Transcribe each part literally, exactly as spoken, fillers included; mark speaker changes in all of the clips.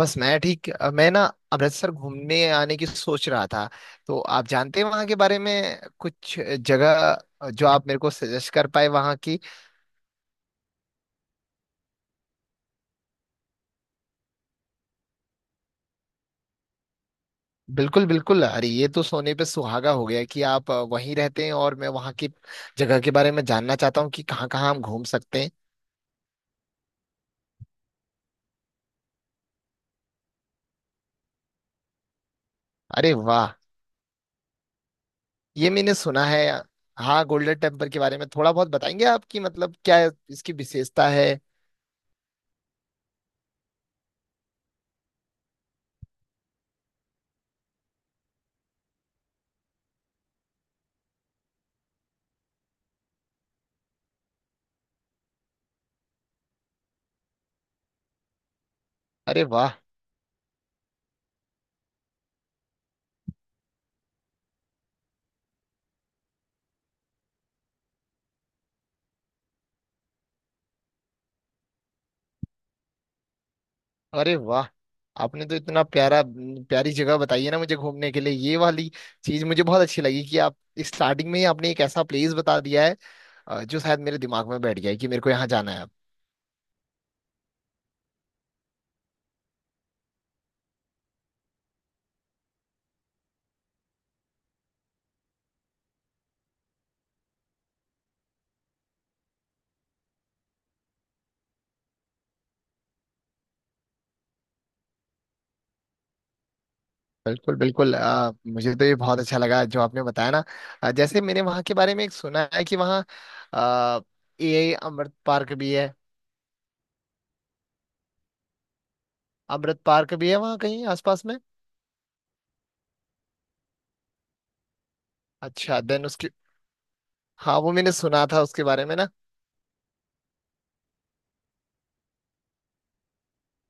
Speaker 1: बस मैं ठीक अ, मैं ना अमृतसर घूमने आने की सोच रहा था। तो आप जानते हैं वहाँ के बारे में कुछ जगह जो आप मेरे को सजेस्ट कर पाए वहाँ की। बिल्कुल बिल्कुल। अरे ये तो सोने पे सुहागा हो गया कि आप अ, वहीं रहते हैं और मैं वहाँ की जगह के बारे में जानना चाहता हूँ कि कहाँ कहाँ हम घूम सकते हैं। अरे वाह। ये मैंने सुना है। हाँ। गोल्डन टेम्पल के बारे में थोड़ा बहुत बताएंगे आपकी मतलब क्या इसकी विशेषता है? अरे वाह। अरे वाह। आपने तो इतना प्यारा प्यारी जगह बताई है ना मुझे घूमने के लिए। ये वाली चीज मुझे बहुत अच्छी लगी कि आप स्टार्टिंग में ही आपने एक ऐसा प्लेस बता दिया है अ, जो शायद मेरे दिमाग में बैठ गया है कि मेरे को यहाँ जाना है। बिल्कुल बिल्कुल। अ, मुझे तो ये बहुत अच्छा लगा जो आपने बताया ना। अ, जैसे मैंने वहाँ के बारे में एक सुना है कि वहाँ ए अमृत पार्क भी है। अमृत पार्क भी है वहाँ कहीं आसपास में। अच्छा देन उसके। हाँ वो मैंने सुना था उसके बारे में ना।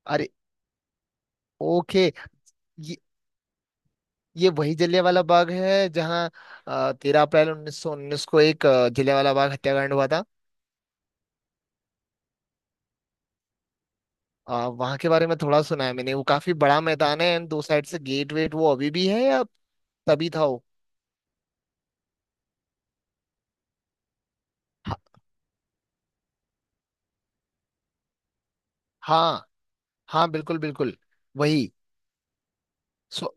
Speaker 1: अरे। ओके। ये वही जलियांवाला बाग है जहाँ तेरह अप्रैल उन्नीस सौ उन्नीस को एक अ, जलियांवाला बाग हत्याकांड हुआ था। आ, वहां के बारे में थोड़ा सुना है मैंने। वो काफी बड़ा मैदान है एंड दो साइड से गेट वेट वो अभी भी है या तभी था वो? ह- हाँ हाँ बिल्कुल बिल्कुल। वही। सो।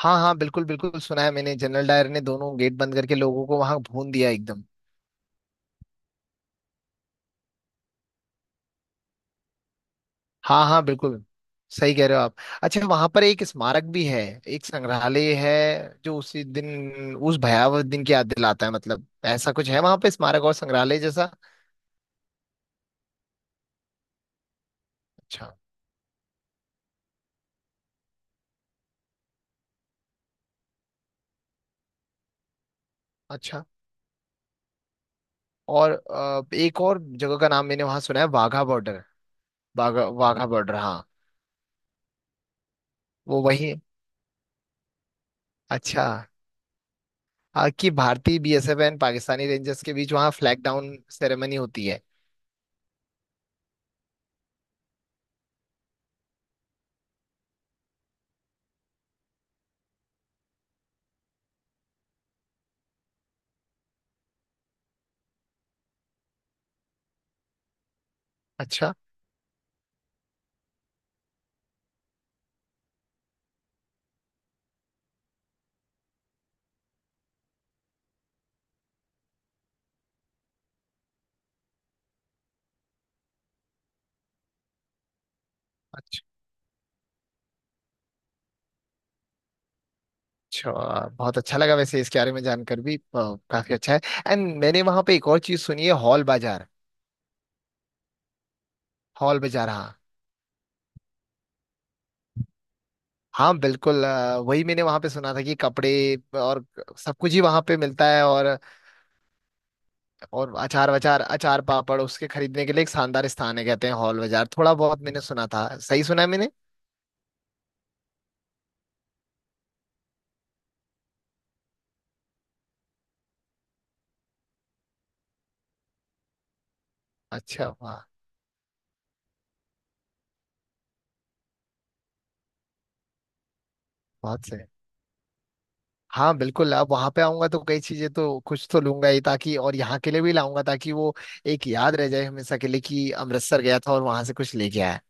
Speaker 1: हाँ हाँ बिल्कुल बिल्कुल सुना है मैंने। जनरल डायर ने दोनों गेट बंद करके लोगों को वहां भून दिया एकदम। हाँ हाँ बिल्कुल। सही कह रहे हो आप। अच्छा वहां पर एक स्मारक भी है। एक संग्रहालय है जो उसी दिन उस भयावह दिन की याद दिलाता है मतलब। ऐसा कुछ है वहां पे स्मारक और संग्रहालय जैसा? अच्छा। अच्छा और अ, एक और जगह का नाम मैंने वहां सुना है वाघा बॉर्डर। वाघा वाघा बॉर्डर हाँ। वो वही है। अच्छा। हाँ कि भारतीय B S F and Pakistani rangers के बीच वहाँ फ्लैग डाउन सेरेमनी होती है। अच्छा। अच्छा। अच्छा। बहुत अच्छा लगा वैसे इसके बारे में जानकर भी प- काफी अच्छा है। एंड मैंने वहां पे एक और चीज सुनी है हॉल बाजार। हॉल बाजार हाँ। हाँ बिल्कुल अ, वही मैंने वहां पे सुना था कि कपड़े और सब कुछ ही वहां पे मिलता है। और और अचार वचार अचार पापड़ उसके खरीदने के लिए एक शानदार स्थान है कहते हैं हॉल बाजार। थोड़ा बहुत मैंने सुना था सही सुना है मैंने। अच्छा वाह। बहुत सही। हाँ बिल्कुल। अब वहां पे आऊंगा तो कई चीजें तो कुछ तो लूंगा ही ताकि और यहाँ के लिए भी लाऊंगा ताकि वो एक याद रह जाए हमेशा के लिए कि अमृतसर गया था और वहां से कुछ लेके आया।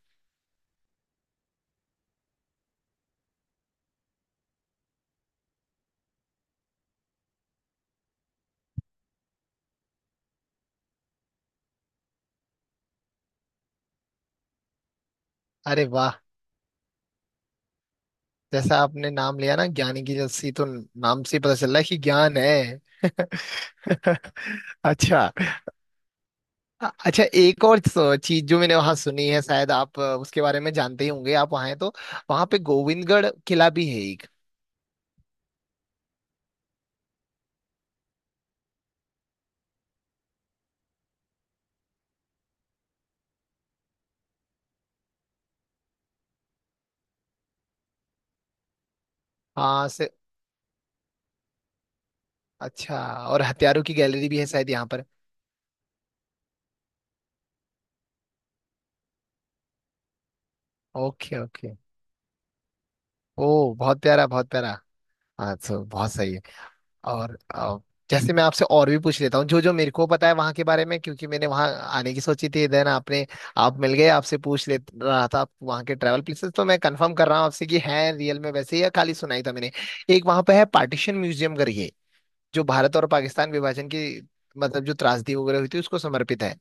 Speaker 1: अरे वाह। जैसा आपने नाम लिया ना ज्ञानी की लस्सी तो नाम से ही पता चल रहा है कि ज्ञान है। अच्छा। अ- अच्छा एक और चीज जो मैंने वहां सुनी है शायद आप अ, उसके बारे में जानते ही होंगे आप वहां हैं तो। वहां पे गोविंदगढ़ किला भी है एक। हाँ से। अच्छा। और हथियारों की गैलरी भी है शायद यहाँ पर। Okay okay. ओ बहुत प्यारा बहुत प्यारा। हाँ तो बहुत सही है। और अ, जैसे मैं आपसे और भी पूछ लेता हूँ जो जो मेरे को पता है वहाँ के बारे में क्योंकि मैंने वहाँ आने की सोची थी। देन आपने आप मिल गए आपसे पूछ ले रहा था वहाँ के ट्रैवल प्लेसेस। तो मैं कंफर्म कर रहा हूँ आपसे कि है रियल में वैसे ही या खाली सुनाई था मैंने। एक वहाँ पे है पार्टीशन म्यूजियम करके जो भारत और पाकिस्तान विभाजन की मतलब जो त्रासदी वगैरह हुई थी उसको समर्पित है।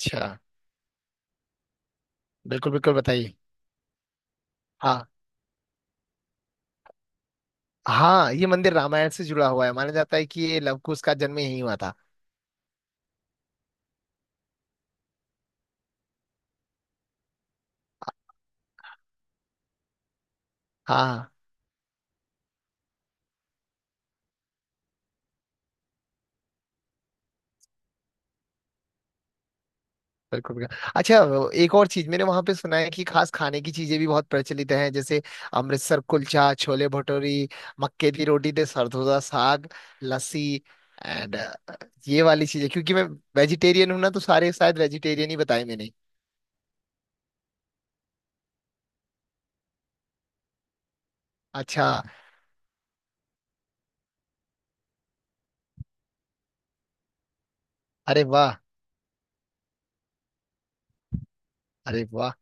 Speaker 1: अच्छा। बिल्कुल बिल्कुल बताइए। हाँ। हाँ ये मंदिर रामायण से जुड़ा हुआ है माना जाता है कि ये लव कुश का जन्म यहीं हुआ था। हाँ बिल्कुल बिल्कुल। अच्छा वो एक और चीज मैंने वहां पे सुना है कि खास खाने की चीजें भी बहुत प्रचलित हैं जैसे अमृतसर कुलचा छोले भटूरी मक्के दी रोटी ते सरदोजा साग लस्सी। एंड ये वाली चीजें क्योंकि मैं वेजिटेरियन हूं ना तो सारे शायद वेजिटेरियन ही बताए मैंने। अच्छा। अरे वाह। अरे वाह।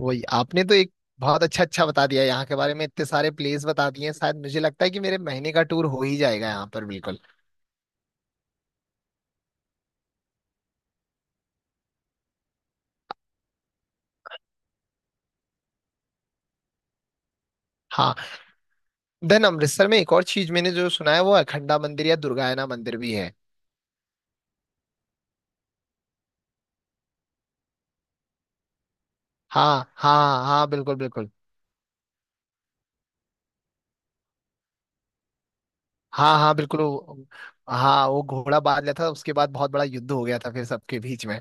Speaker 1: वही आपने तो एक बहुत अच्छा अच्छा बता दिया यहाँ के बारे में इतने सारे प्लेस बता दिए हैं शायद। मुझे लगता है कि मेरे महीने का टूर हो ही जाएगा यहाँ पर बिल्कुल। हाँ। देन अमृतसर में एक और चीज मैंने जो सुना है वो अखंडा मंदिर या दुर्गायना मंदिर भी है। हाँ हाँ हाँ बिल्कुल बिल्कुल। हाँ हाँ बिल्कुल वो- हाँ वो घोड़ा बांध लिया था उसके बाद बहुत बड़ा युद्ध हो गया था फिर सबके बीच में।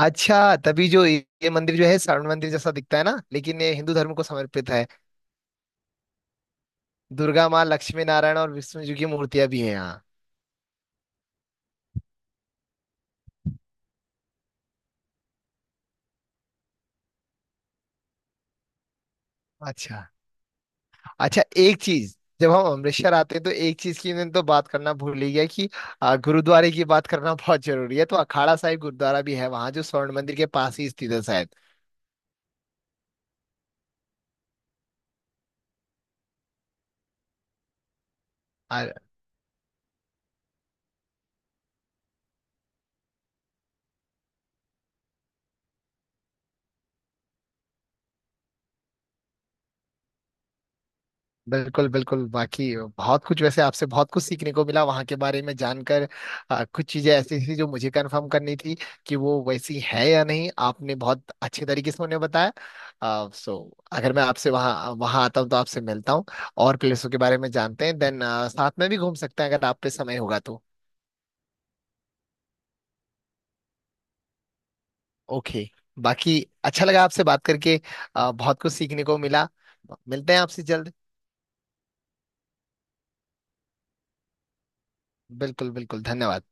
Speaker 1: अच्छा तभी जो ये ये मंदिर जो है स्वर्ण मंदिर जैसा दिखता है ना लेकिन ये हिंदू धर्म को समर्पित है। दुर्गा माँ लक्ष्मी नारायण और विष्णु जी की मूर्तियां भी है यहाँ। अच्छा। अच्छा एक चीज जब हम अमृतसर आते हैं तो एक चीज की मैंने तो बात करना भूल ही गया कि आ, गुरुद्वारे की बात करना बहुत जरूरी है। तो अखाड़ा साहिब गुरुद्वारा भी है वहां जो स्वर्ण मंदिर के पास ही स्थित है शायद। बिल्कुल बिल्कुल। बाकी बहुत कुछ वैसे आपसे बहुत कुछ सीखने को मिला वहां के बारे में जानकर। आ, कुछ चीजें ऐसी थी जो मुझे कंफर्म करनी थी कि वो वैसी है या नहीं। आपने बहुत अच्छे तरीके से उन्हें बताया। आ, सो अगर मैं आपसे वहाँ वहाँ आता हूँ तो आपसे मिलता हूँ और प्लेसों के बारे में जानते हैं। देन साथ में भी घूम सकते हैं अगर आप पे समय होगा तो। ओके। बाकी अच्छा लगा आपसे बात करके। आ, बहुत कुछ सीखने को मिला। मिलते हैं आपसे जल्द। बिल्कुल बिल्कुल। धन्यवाद।